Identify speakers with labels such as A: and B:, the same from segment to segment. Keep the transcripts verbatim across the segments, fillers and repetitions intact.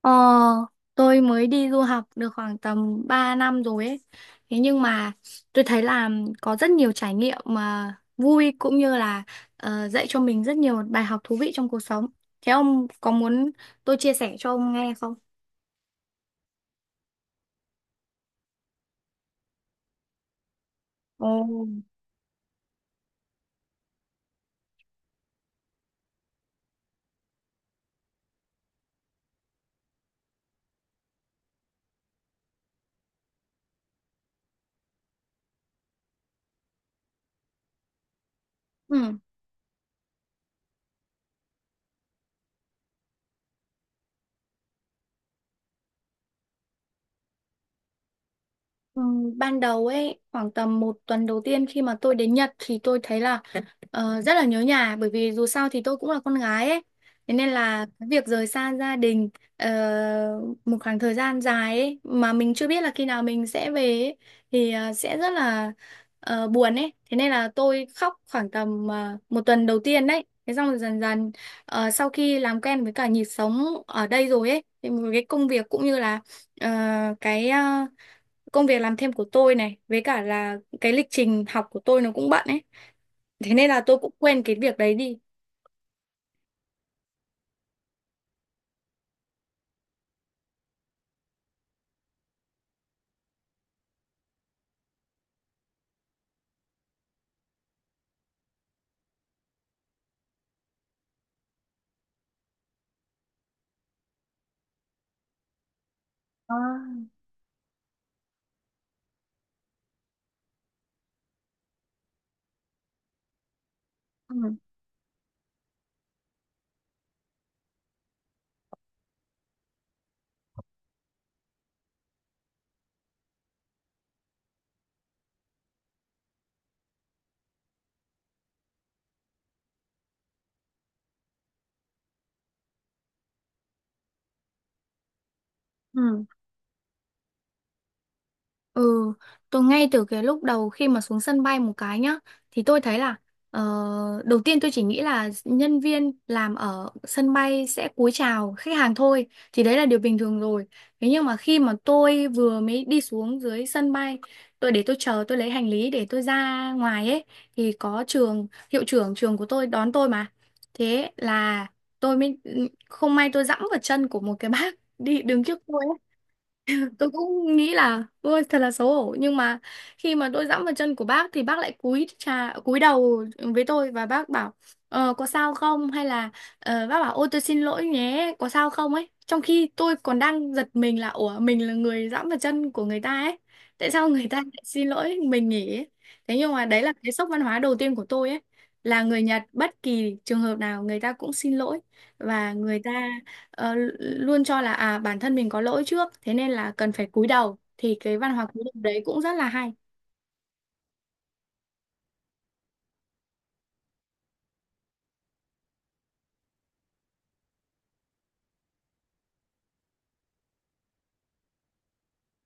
A: Ờ, tôi mới đi du học được khoảng tầm ba năm rồi ấy. Thế nhưng mà tôi thấy là có rất nhiều trải nghiệm mà vui cũng như là ờ, dạy cho mình rất nhiều bài học thú vị trong cuộc sống. Thế ông có muốn tôi chia sẻ cho ông nghe không? Ồ. Ừ. Ừ, ban đầu ấy, khoảng tầm một tuần đầu tiên khi mà tôi đến Nhật thì tôi thấy là Ờ, rất là nhớ nhà, bởi vì dù sao thì tôi cũng là con gái ấy, thế nên là cái việc rời xa gia đình ờ, một khoảng thời gian dài ấy mà mình chưa biết là khi nào mình sẽ về ấy, thì ờ, sẽ rất là ờ, buồn ấy, thế nên là tôi khóc khoảng tầm ờ, một tuần đầu tiên đấy. Thế xong rồi dần dần ờ, sau khi làm quen với cả nhịp sống ở đây rồi ấy thì một cái công việc cũng như là ờ, cái ờ, công việc làm thêm của tôi này với cả là cái lịch trình học của tôi nó cũng bận ấy, thế nên là tôi cũng quên cái việc đấy đi. À. Ừ. Ừ. Ừ, tôi ngay từ cái lúc đầu khi mà xuống sân bay một cái nhá, thì tôi thấy là ờ, đầu tiên tôi chỉ nghĩ là nhân viên làm ở sân bay sẽ cúi chào khách hàng thôi, thì đấy là điều bình thường rồi. Thế nhưng mà khi mà tôi vừa mới đi xuống dưới sân bay, tôi để tôi chờ tôi lấy hành lý để tôi ra ngoài ấy, thì có trường hiệu trưởng trường của tôi đón tôi mà. Thế là tôi mới không may tôi dẫm vào chân của một cái bác đi đứng trước tôi. Tôi cũng nghĩ là ôi thật là xấu hổ, nhưng mà khi mà tôi dẫm vào chân của bác thì bác lại cúi chà cúi đầu với tôi và bác bảo ờ, có sao không hay là ờ, bác bảo ôi tôi xin lỗi nhé có sao không ấy, trong khi tôi còn đang giật mình là ủa mình là người dẫm vào chân của người ta ấy tại sao người ta lại xin lỗi mình nhỉ ấy. Thế nhưng mà đấy là cái sốc văn hóa đầu tiên của tôi ấy, là người Nhật bất kỳ trường hợp nào người ta cũng xin lỗi và người ta ờ, luôn cho là à bản thân mình có lỗi trước, thế nên là cần phải cúi đầu thì cái văn hóa cúi đầu đấy cũng rất là hay.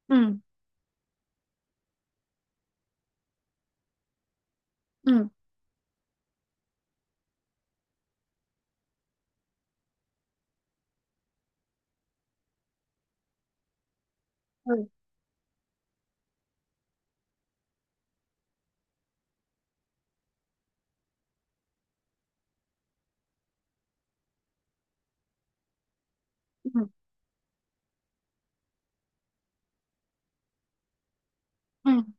A: Ừ, ừ, ừ, ừ, ừ.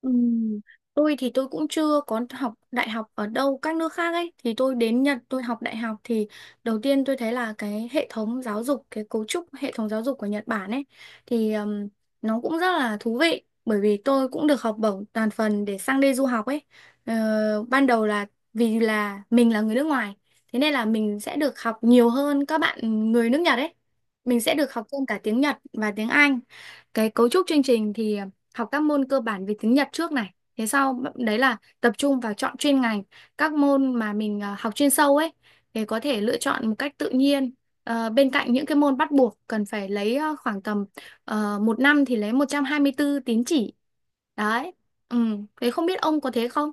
A: Ừm, Tôi thì tôi cũng chưa có học đại học ở đâu các nước khác ấy, thì tôi đến Nhật tôi học đại học thì đầu tiên tôi thấy là cái hệ thống giáo dục cái cấu trúc hệ thống giáo dục của Nhật Bản ấy thì ừm, nó cũng rất là thú vị bởi vì tôi cũng được học bổng toàn phần để sang đây du học ấy. Ờ, ban đầu là vì là mình là người nước ngoài, thế nên là mình sẽ được học nhiều hơn các bạn người nước Nhật ấy, mình sẽ được học thêm cả tiếng Nhật và tiếng Anh. Cái cấu trúc chương trình thì học các môn cơ bản về tiếng Nhật trước này, thế sau đấy là tập trung vào chọn chuyên ngành, các môn mà mình à, học chuyên sâu ấy thì có thể lựa chọn một cách tự nhiên. Ờ, bên cạnh những cái môn bắt buộc cần phải lấy ờ, khoảng tầm uh, một năm thì lấy một trăm hai mươi bốn tín chỉ đấy. Ừ, thế không biết ông có thế không.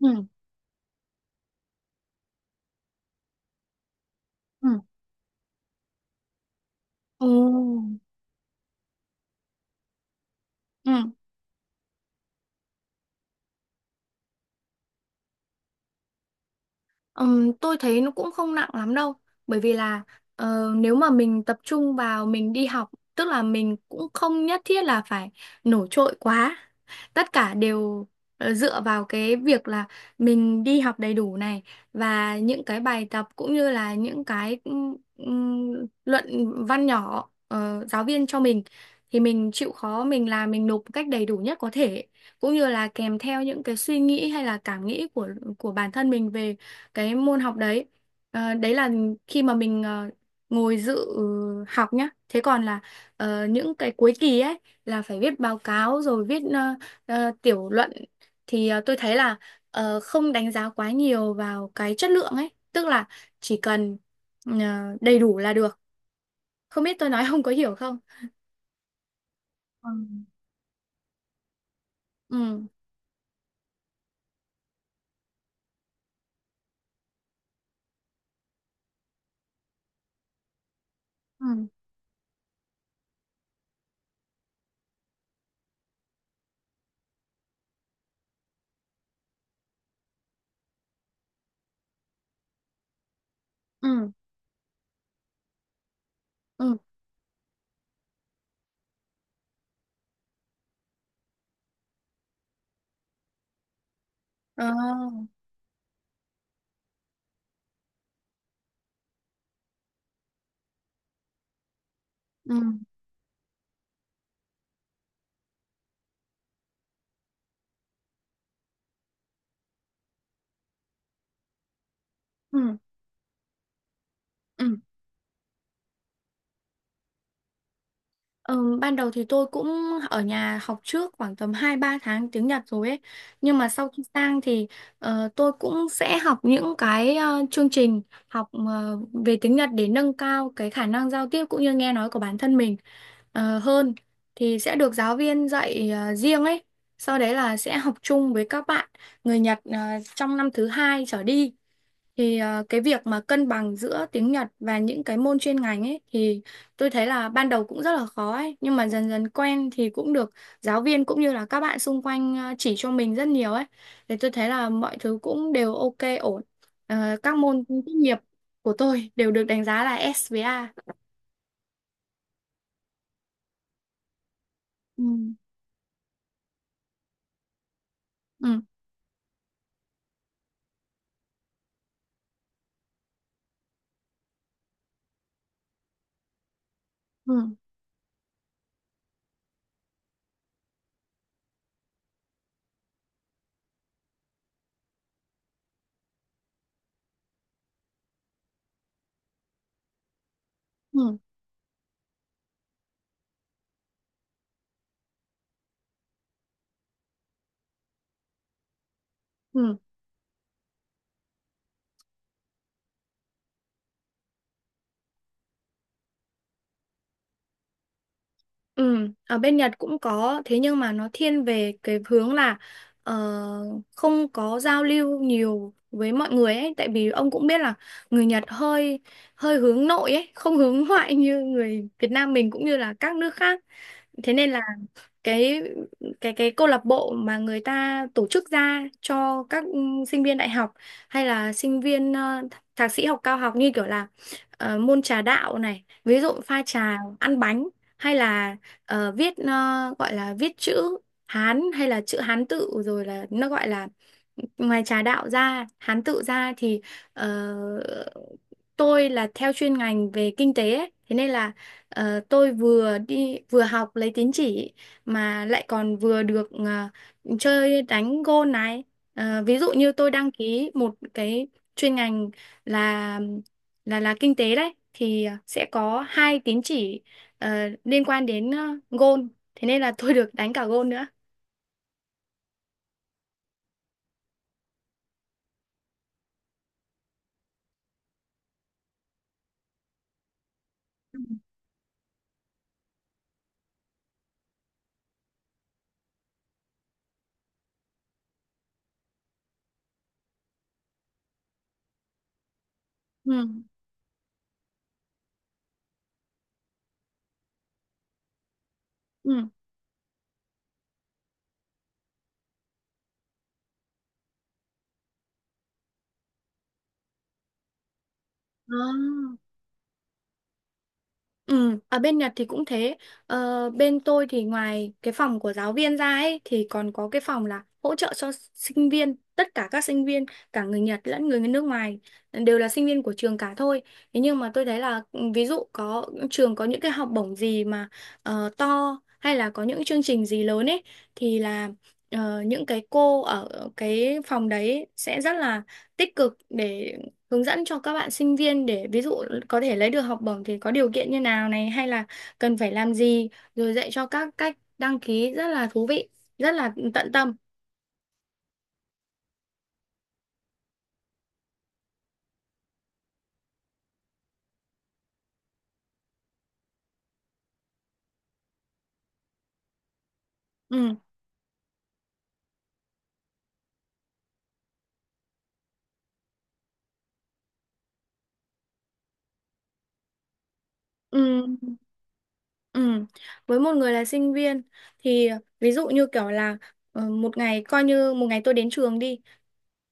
A: Ừ, ừ, ừ, ừ. Ừm, tôi thấy nó cũng không nặng lắm đâu, bởi vì là ờ, nếu mà mình tập trung vào mình đi học tức là mình cũng không nhất thiết là phải nổi trội quá, tất cả đều ờ, dựa vào cái việc là mình đi học đầy đủ này và những cái bài tập cũng như là những cái ừm, ừm, luận văn nhỏ ờ, giáo viên cho mình thì mình chịu khó mình làm mình nộp một cách đầy đủ nhất có thể, cũng như là kèm theo những cái suy nghĩ hay là cảm nghĩ của của bản thân mình về cái môn học đấy. Ờ, đấy là khi mà mình ờ, ngồi dự học nhá, thế còn là ờ, những cái cuối kỳ ấy là phải viết báo cáo rồi viết ờ, ờ, tiểu luận thì ờ, tôi thấy là ờ, không đánh giá quá nhiều vào cái chất lượng ấy, tức là chỉ cần ờ, đầy đủ là được. Không biết tôi nói không có hiểu không. Ừ. Ừ. Ừ. Ừ. Ừ. Ờ. Ừ. Ờ, ừ. Ừ. Ừm, ban đầu thì tôi cũng ở nhà học trước khoảng tầm hai ba tháng tiếng Nhật rồi ấy. Nhưng mà sau khi sang thì ờ, tôi cũng sẽ học những cái ờ, chương trình học ờ, về tiếng Nhật để nâng cao cái khả năng giao tiếp cũng như nghe nói của bản thân mình ờ, hơn. Thì sẽ được giáo viên dạy ờ, riêng ấy. Sau đấy là sẽ học chung với các bạn người Nhật ờ, trong năm thứ hai trở đi. Thì ờ, cái việc mà cân bằng giữa tiếng Nhật và những cái môn chuyên ngành ấy thì tôi thấy là ban đầu cũng rất là khó ấy, nhưng mà dần dần quen thì cũng được giáo viên cũng như là các bạn xung quanh ờ, chỉ cho mình rất nhiều ấy, thì tôi thấy là mọi thứ cũng đều ok ổn. Ờ, các môn tốt nghiệp của tôi đều được đánh giá là ét với A. Ừ. Ừ. Ừ. Ừ. Ừ. Ừ, ở bên Nhật cũng có thế nhưng mà nó thiên về cái hướng là ờ, không có giao lưu nhiều với mọi người ấy, tại vì ông cũng biết là người Nhật hơi hơi hướng nội ấy, không hướng ngoại như người Việt Nam mình cũng như là các nước khác, thế nên là cái cái cái câu lạc bộ mà người ta tổ chức ra cho các ừ, sinh viên đại học hay là sinh viên ờ, thạc sĩ học cao học như kiểu là ờ, môn trà đạo này ví dụ pha trà ăn bánh, hay là ờ, viết ờ, gọi là viết chữ Hán hay là chữ Hán tự rồi là nó gọi là, ngoài trà đạo ra Hán tự ra thì ờ, tôi là theo chuyên ngành về kinh tế ấy. Thế nên là ờ, tôi vừa đi vừa học lấy tín chỉ mà lại còn vừa được à, chơi đánh gôn này. À, ví dụ như tôi đăng ký một cái chuyên ngành là là là kinh tế đấy thì sẽ có hai tín chỉ ờ, liên quan đến uh, gôn, thế nên là tôi được đánh cả gôn nữa. Ừ. Ừ. Đó. Ừ, ở bên Nhật thì cũng thế. Ờ, bên tôi thì ngoài cái phòng của giáo viên ra ấy, thì còn có cái phòng là hỗ trợ cho sinh viên. Tất cả các sinh viên, cả người Nhật lẫn người nước ngoài đều là sinh viên của trường cả thôi. Thế nhưng mà tôi thấy là ừ, ví dụ có trường có những cái học bổng gì mà ờ, to, hay là có những chương trình gì lớn ấy thì là ờ, những cái cô ở cái phòng đấy sẽ rất là tích cực để hướng dẫn cho các bạn sinh viên, để ví dụ có thể lấy được học bổng thì có điều kiện như nào này hay là cần phải làm gì, rồi dạy cho các cách đăng ký rất là thú vị, rất là tận tâm. Ừ. Ừ. Ừ. Với một người là sinh viên thì ví dụ như kiểu là ờ, một ngày coi như một ngày tôi đến trường đi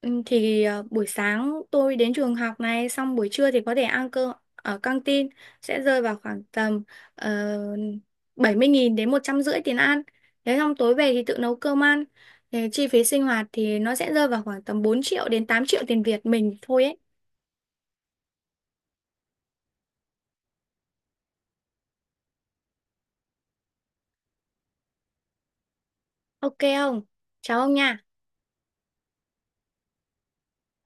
A: ừ, thì ờ, buổi sáng tôi đến trường học này, xong buổi trưa thì có thể ăn cơm ở căng tin, sẽ rơi vào khoảng tầm uh, bảy mươi nghìn đến một trăm rưỡi tiền ăn. Thế xong tối về thì tự nấu cơm ăn. Thì chi phí sinh hoạt thì nó sẽ rơi vào khoảng tầm bốn triệu đến tám triệu tiền Việt mình thôi ấy. Ok không? Chào ông nha.